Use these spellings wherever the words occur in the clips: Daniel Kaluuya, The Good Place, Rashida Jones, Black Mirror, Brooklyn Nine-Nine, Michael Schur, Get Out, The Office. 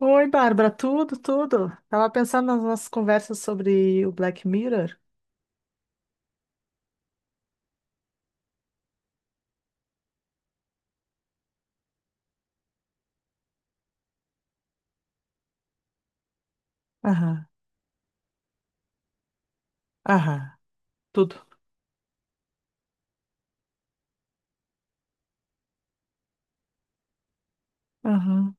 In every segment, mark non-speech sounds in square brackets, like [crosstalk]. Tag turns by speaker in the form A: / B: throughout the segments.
A: Oi, Bárbara, tudo, tudo. Tava pensando nas nossas conversas sobre o Black Mirror. Aham, aham, tudo. Aham.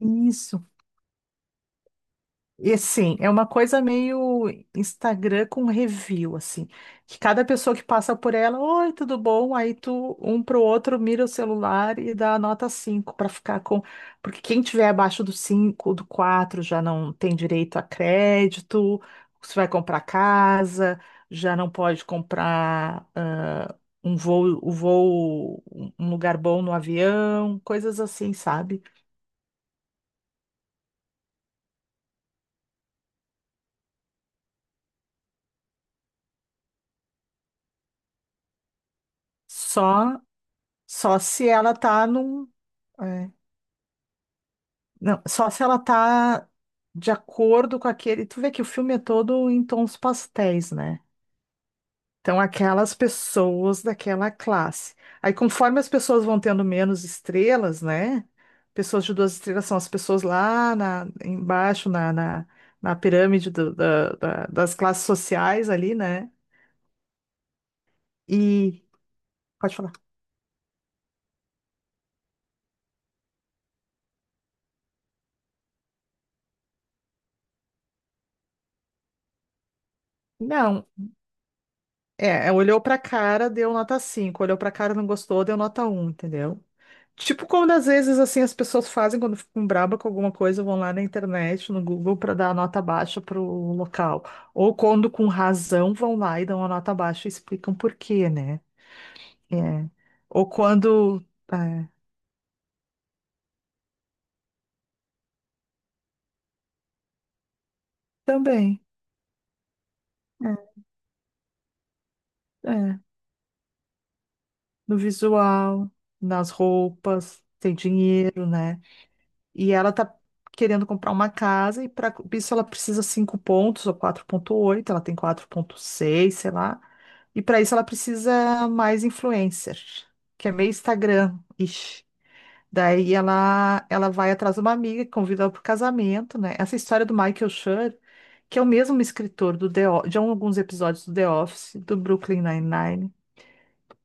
A: Isso. E assim, é uma coisa meio Instagram com review, assim, que cada pessoa que passa por ela, oi, tudo bom? Aí tu, um pro outro, mira o celular e dá a nota cinco para ficar com. Porque quem tiver abaixo do 5, do 4 já não tem direito a crédito, se vai comprar casa, já não pode comprar um lugar bom no avião, coisas assim, sabe? Só, só se ela tá num. é, Não, só se ela tá de acordo com aquele. Tu vê que o filme é todo em tons pastéis, né? Então, aquelas pessoas daquela classe. Aí, conforme as pessoas vão tendo menos estrelas, né? Pessoas de duas estrelas são as pessoas lá na, embaixo, na pirâmide das classes sociais ali, né? E. Pode falar. Não, olhou pra cara, deu nota cinco. Olhou pra cara, não gostou, deu nota um, entendeu? Tipo quando às vezes assim as pessoas fazem quando ficam braba com alguma coisa, vão lá na internet, no Google para dar a nota baixa para o local. Ou quando com razão vão lá e dão a nota baixa e explicam por quê, né? É. Ou quando é, também é, é, no visual, nas roupas, tem dinheiro, né? E ela tá querendo comprar uma casa e para isso ela precisa 5 pontos ou 4,8. Ela tem 4,6, sei lá. E para isso ela precisa mais influencer, que é meio Instagram. -ish. Daí ela vai atrás de uma amiga que convida ela para o casamento, né? Essa história do Michael Schur, que é o mesmo escritor de alguns episódios do The Office, do Brooklyn Nine-Nine,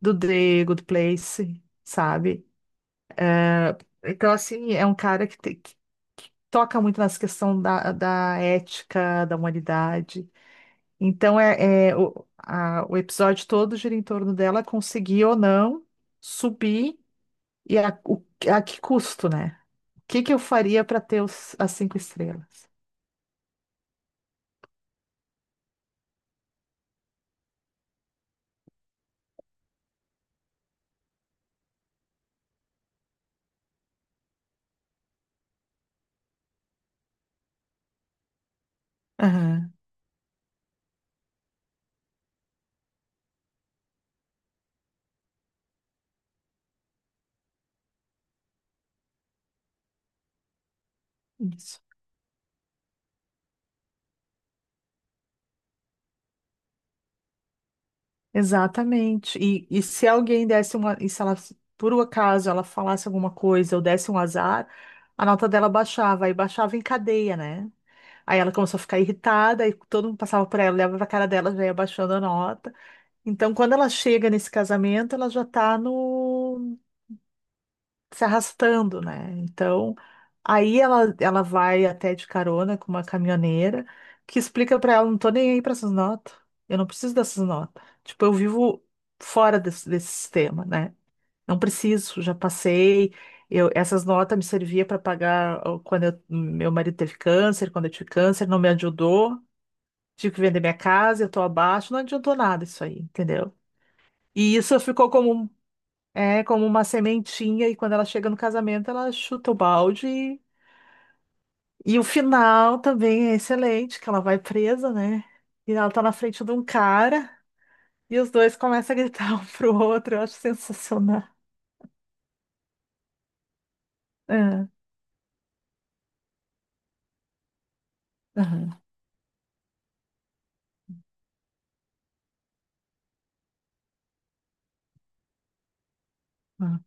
A: do The Good Place, sabe? Então, assim, é um cara que toca muito nessa questão da, da ética, da humanidade. Então, o episódio todo gira em torno dela conseguir ou não subir e a que custo, né? O que que eu faria para ter as cinco estrelas? Aham, isso. Exatamente. E se alguém desse uma. E se ela, por um acaso, ela falasse alguma coisa ou desse um azar, a nota dela baixava e baixava em cadeia, né? Aí ela começou a ficar irritada, e todo mundo passava por ela, olhava pra cara dela, já ia baixando a nota. Então, quando ela chega nesse casamento, ela já tá no se arrastando, né? Então, aí ela vai até de carona com uma caminhoneira, que explica pra ela, não tô nem aí pra essas notas, eu não preciso dessas notas. Tipo, eu vivo fora desse sistema, né? Não preciso, já passei. Eu, essas notas me servia para pagar ó, meu marido teve câncer, quando eu tive câncer, não me ajudou. Tive que vender minha casa, eu tô abaixo, não adiantou nada isso aí, entendeu? E isso ficou como, como uma sementinha, e quando ela chega no casamento, ela chuta o balde. E o final também é excelente, que ela vai presa, né? E ela tá na frente de um cara, e os dois começam a gritar [laughs] um pro outro, eu acho sensacional. É, aham, aham.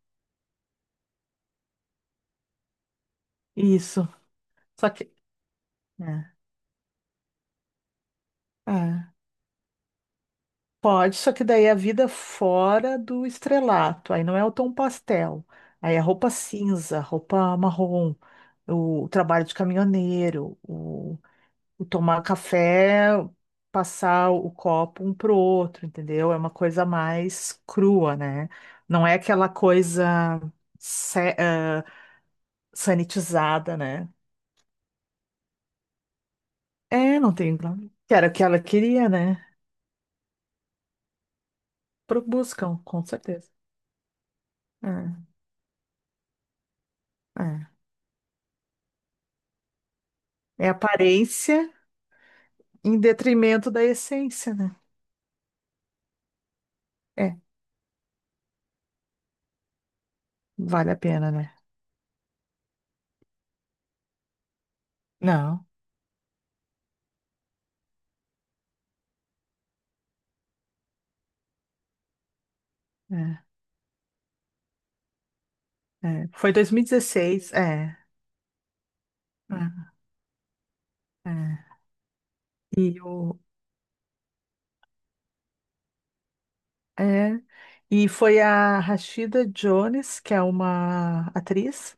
A: Isso. Só que. É, é. Pode, só que daí é a vida fora do estrelato, aí não é o tom pastel, aí é roupa cinza, roupa marrom, o trabalho de caminhoneiro, o tomar café, passar o copo um pro outro, entendeu? É uma coisa mais crua, né? Não é aquela coisa se- ah, sanitizada, né? É, não tem. Que era o que ela queria, né? Buscam, com certeza. É, é. É aparência. Em detrimento da essência, né? É, vale a pena, né? Não, é, é. Foi 2016é, é. E é, foi a Rashida Jones, que é uma atriz,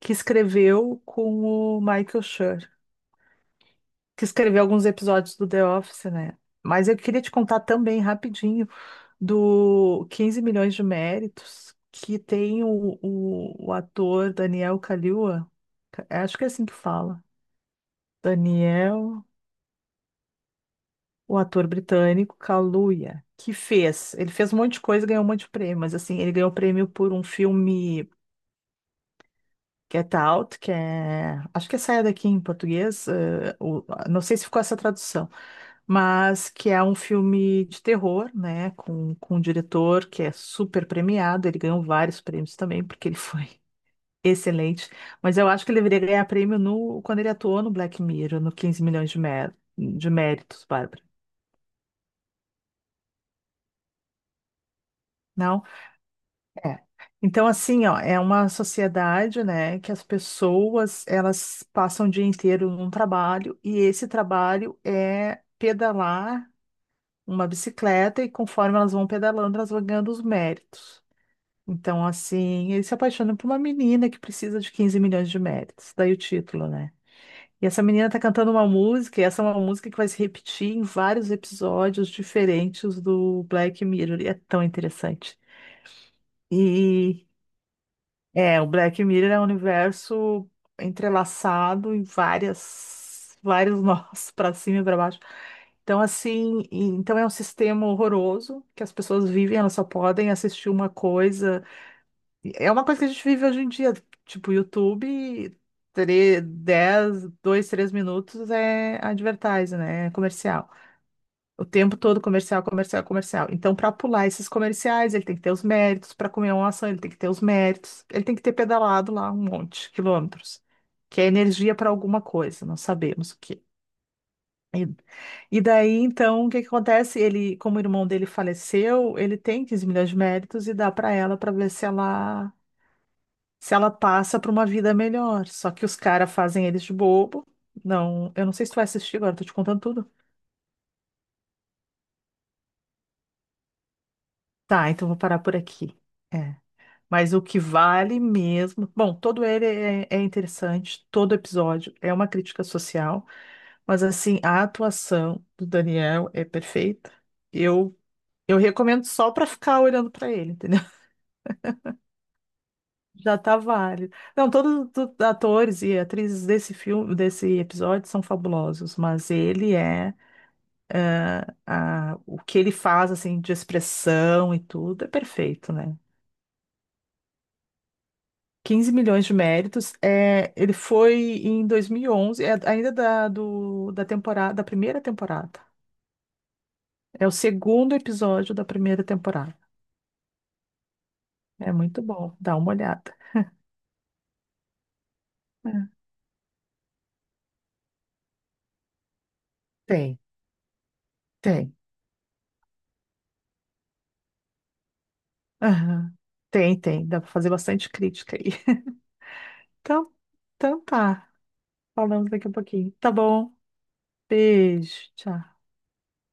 A: que escreveu com o Michael Schur, que escreveu alguns episódios do The Office, né? Mas eu queria te contar também rapidinho do 15 milhões de méritos que tem o ator Daniel Kaluuya, acho que é assim que fala Daniel, o ator britânico Kaluuya, ele fez um monte de coisa, e ganhou um monte de prêmio, mas assim, ele ganhou prêmio por um filme Get Out, que é, acho que é Saia Daqui em português, não sei se ficou essa tradução, mas que é um filme de terror, né, com um diretor que é super premiado, ele ganhou vários prêmios também, porque ele foi [laughs] excelente, mas eu acho que ele deveria ganhar prêmio no, quando ele atuou no Black Mirror, no 15 milhões de méritos, Bárbara. Não? É. Então, assim, ó, é uma sociedade, né, que as pessoas, elas passam o dia inteiro num trabalho e esse trabalho é pedalar uma bicicleta e conforme elas vão pedalando, elas vão ganhando os méritos. Então, assim, ele se apaixona por uma menina que precisa de 15 milhões de méritos, daí o título, né? E essa menina tá cantando uma música, e essa é uma música que vai se repetir em vários episódios diferentes do Black Mirror, e é tão interessante. E o Black Mirror é um universo entrelaçado em vários nós [laughs] para cima e para baixo. Então, assim, então é um sistema horroroso que as pessoas vivem, elas só podem assistir uma coisa. E é uma coisa que a gente vive hoje em dia, tipo YouTube, 10, 2, 3 minutos é advertising, né? É comercial. O tempo todo comercial, comercial, comercial. Então, para pular esses comerciais, ele tem que ter os méritos. Para comer uma ação, ele tem que ter os méritos. Ele tem que ter pedalado lá um monte de quilômetros, que é energia para alguma coisa, não sabemos o quê. E, e daí, então, o que que acontece? Ele, como o irmão dele faleceu, ele tem 15 milhões de méritos e dá para ela para ver se ela passa para uma vida melhor. Só que os caras fazem eles de bobo. Não, eu não sei se tu vai assistir agora, tô te contando tudo. Tá, então vou parar por aqui. É. Mas o que vale mesmo. Bom, todo ele é interessante, todo episódio é uma crítica social, mas assim, a atuação do Daniel é perfeita. Eu, eu recomendo só para ficar olhando para ele, entendeu? [laughs] Já tá válido. Não, todos os atores e atrizes desse filme, desse episódio são fabulosos, mas ele é, o que ele faz assim de expressão e tudo é perfeito, né? 15 milhões de méritos. É, ele foi em 2011, é ainda da, da temporada, da primeira temporada. É o segundo episódio da primeira temporada. É muito bom, dá uma olhada. É. Tem, tem. Aham. Tem, tem. Dá para fazer bastante crítica aí. [laughs] Então, então tá. Falamos daqui a pouquinho. Tá bom. Beijo. Tchau.